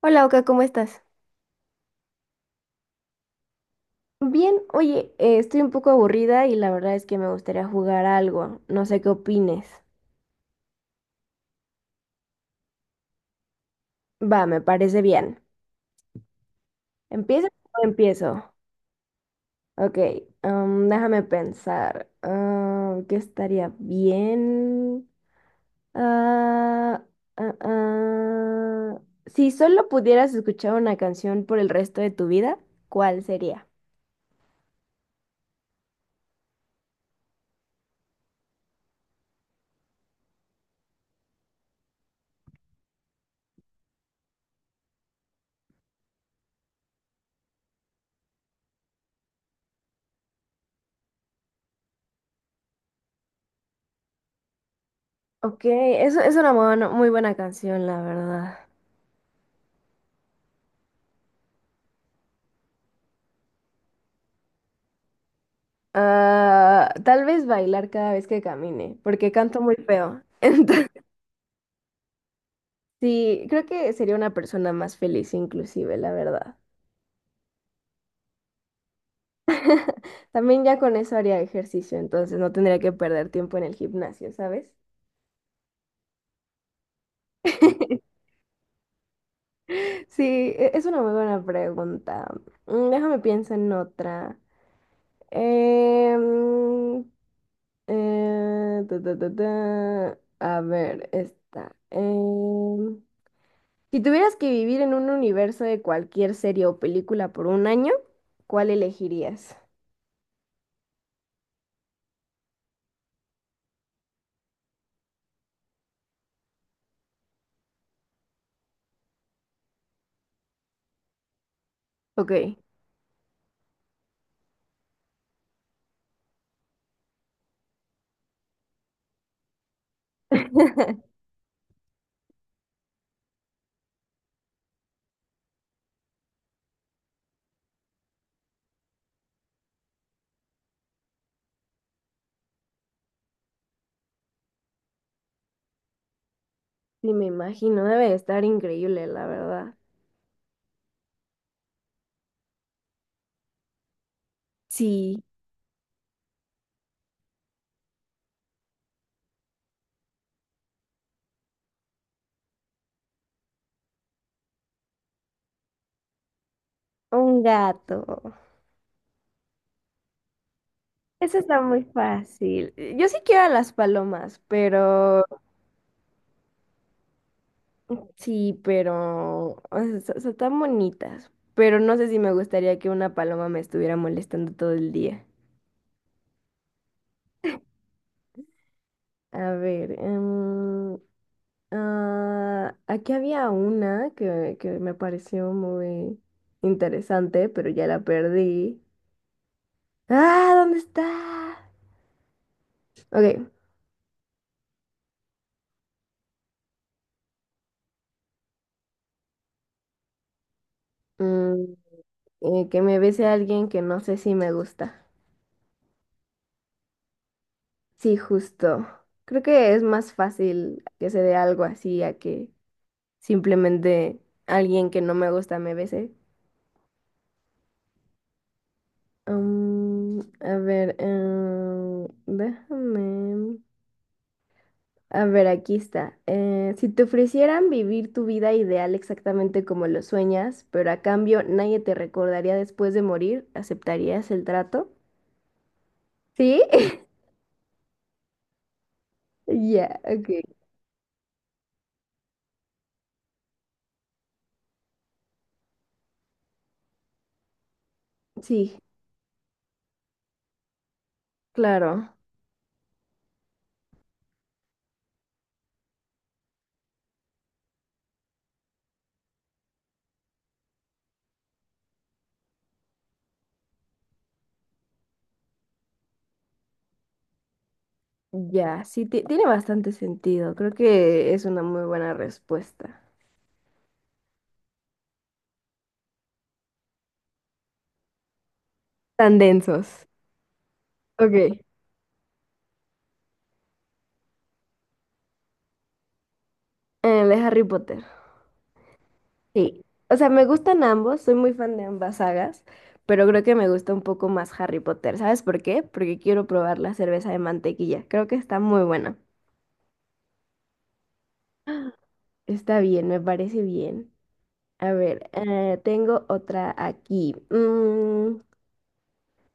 Hola Oka, ¿cómo estás? Bien, oye, estoy un poco aburrida y la verdad es que me gustaría jugar algo. No sé qué opines. Va, me parece bien. Empieza. ¿O empiezo? Ok, déjame pensar. ¿Ah, qué estaría bien? Ah, ah, ah. Si solo pudieras escuchar una canción por el resto de tu vida, ¿cuál sería? Ok, eso es una buena- muy buena canción, la verdad. Ah, tal vez bailar cada vez que camine, porque canto muy feo. Entonces, sí, creo que sería una persona más feliz inclusive, la verdad. También ya con eso haría ejercicio, entonces no tendría que perder tiempo en el gimnasio, ¿sabes? Sí, es una muy buena pregunta. Mm, déjame pienso en otra. Em, ta, ta, ta, ta. A ver, esta. Si tuvieras que vivir en un universo de cualquier serie o película por un año, ¿cuál elegirías? Ok. Sí, me imagino, debe de estar increíble, la verdad. Sí. Un gato. Eso está muy fácil. Yo sí quiero a las palomas, pero sí, pero o sea, son tan bonitas. Pero no sé si me gustaría que una paloma me estuviera molestando todo el día. A ver, ah, aquí había una que me pareció muy interesante, pero ya la perdí. ¡Ah! ¿Dónde está? Ok. mm, que me bese a alguien que no sé si me gusta. Sí, justo. Creo que es más fácil que se dé algo así a que simplemente alguien que no me gusta me bese. Mm, a ver, déjame. A ver, aquí está. Si te ofrecieran vivir tu vida ideal exactamente como lo sueñas, pero a cambio nadie te recordaría después de morir, ¿aceptarías el trato? ¿Sí? Ya, ok. Sí, claro. Ya, sí, tiene bastante sentido. Creo que es una muy buena respuesta. Tan densos. Ok. Eh, de Harry Potter. Sí, o sea, me gustan ambos, soy muy fan de ambas sagas, pero creo que me gusta un poco más Harry Potter. ¿Sabes por qué? Porque quiero probar la cerveza de mantequilla. Creo que está muy buena. Está bien, me parece bien. A ver, tengo otra aquí. Mm,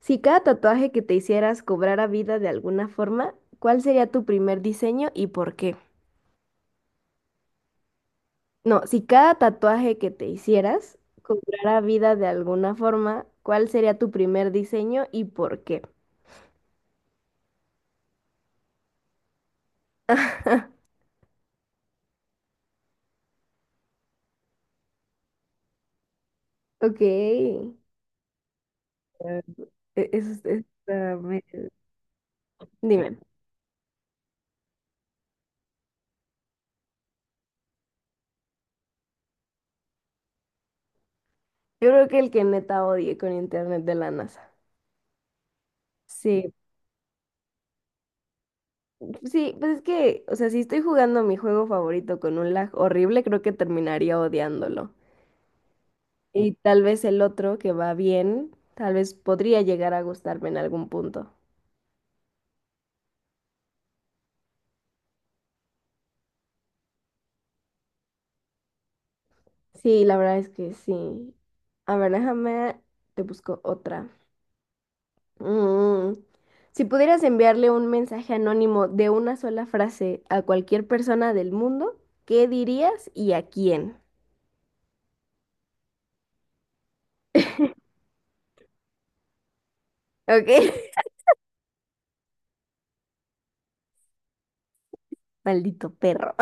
si cada tatuaje que te hicieras cobrara vida de alguna forma, ¿cuál sería tu primer diseño y por qué? No, si cada tatuaje que te hicieras cobrara vida de alguna forma, ¿cuál sería tu primer diseño y por qué? Ok. E- eso está medio. Dime, yo creo que el que neta odie con internet de la NASA. Sí, sí, pues es que, o sea, si estoy jugando mi juego favorito con un lag horrible, creo que terminaría odiándolo. Y tal vez el otro que va bien, tal vez podría llegar a gustarme en algún punto. Sí, la verdad es que sí. A ver, déjame, te busco otra. Mm. Si pudieras enviarle un mensaje anónimo de una sola frase a cualquier persona del mundo, ¿qué dirías y a quién? ¿Ok? Maldito perro.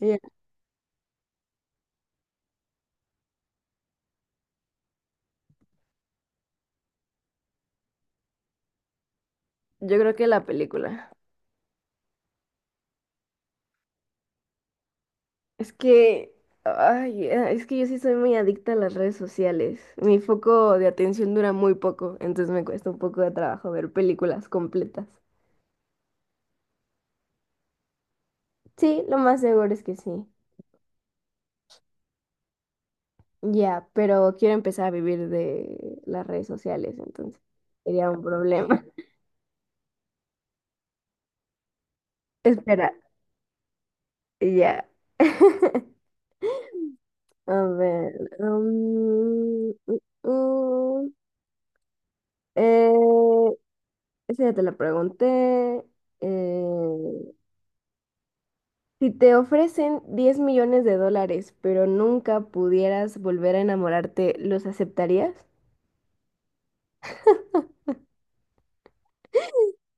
Ya, yo creo que la película. Es que, ay, es que yo sí soy muy adicta a las redes sociales. Mi foco de atención dura muy poco, entonces me cuesta un poco de trabajo ver películas completas. Sí, lo más seguro es que sí. Ya, pero quiero empezar a vivir de las redes sociales, entonces sería un problema. Espera, ya. A ver. Mm, eh, esa ya te la pregunté. Eh, si te ofrecen $10,000,000, pero nunca pudieras volver a enamorarte, ¿los aceptarías?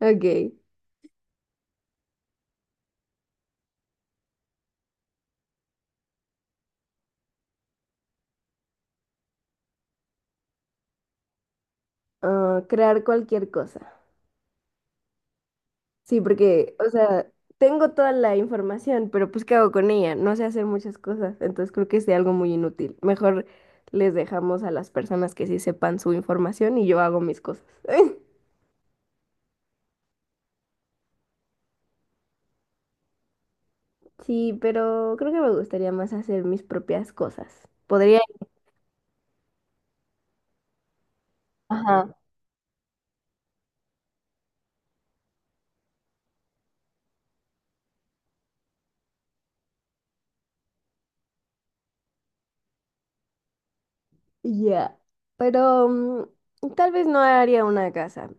Ok. Ah, crear cualquier cosa. Sí, porque, o sea, tengo toda la información, pero pues ¿qué hago con ella? No sé hacer muchas cosas, entonces creo que es de algo muy inútil. Mejor les dejamos a las personas que sí sepan su información y yo hago mis cosas. Sí, pero creo que me gustaría más hacer mis propias cosas. Podría... Ajá. Ya. Pero mm, tal vez no haría una casa.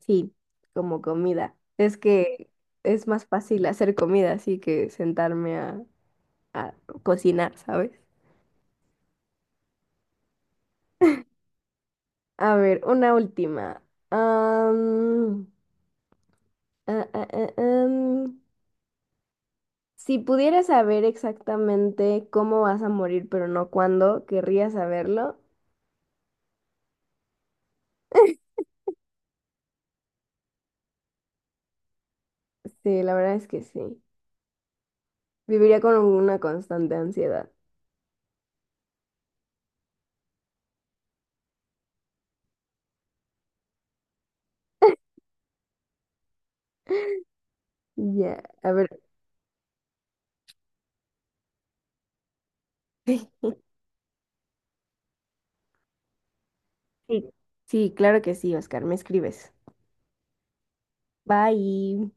Sí, como comida. Es que es más fácil hacer comida así que sentarme a cocinar, ¿sabes? A ver, una última. Am, ah, ah, ah, am. Si pudieras saber exactamente cómo vas a morir, pero no cuándo, ¿querrías saberlo? Sí, la verdad es que sí. Viviría con una constante ansiedad. Ya, a ver. Sí, sí, claro que sí, Oscar, me escribes. Bye.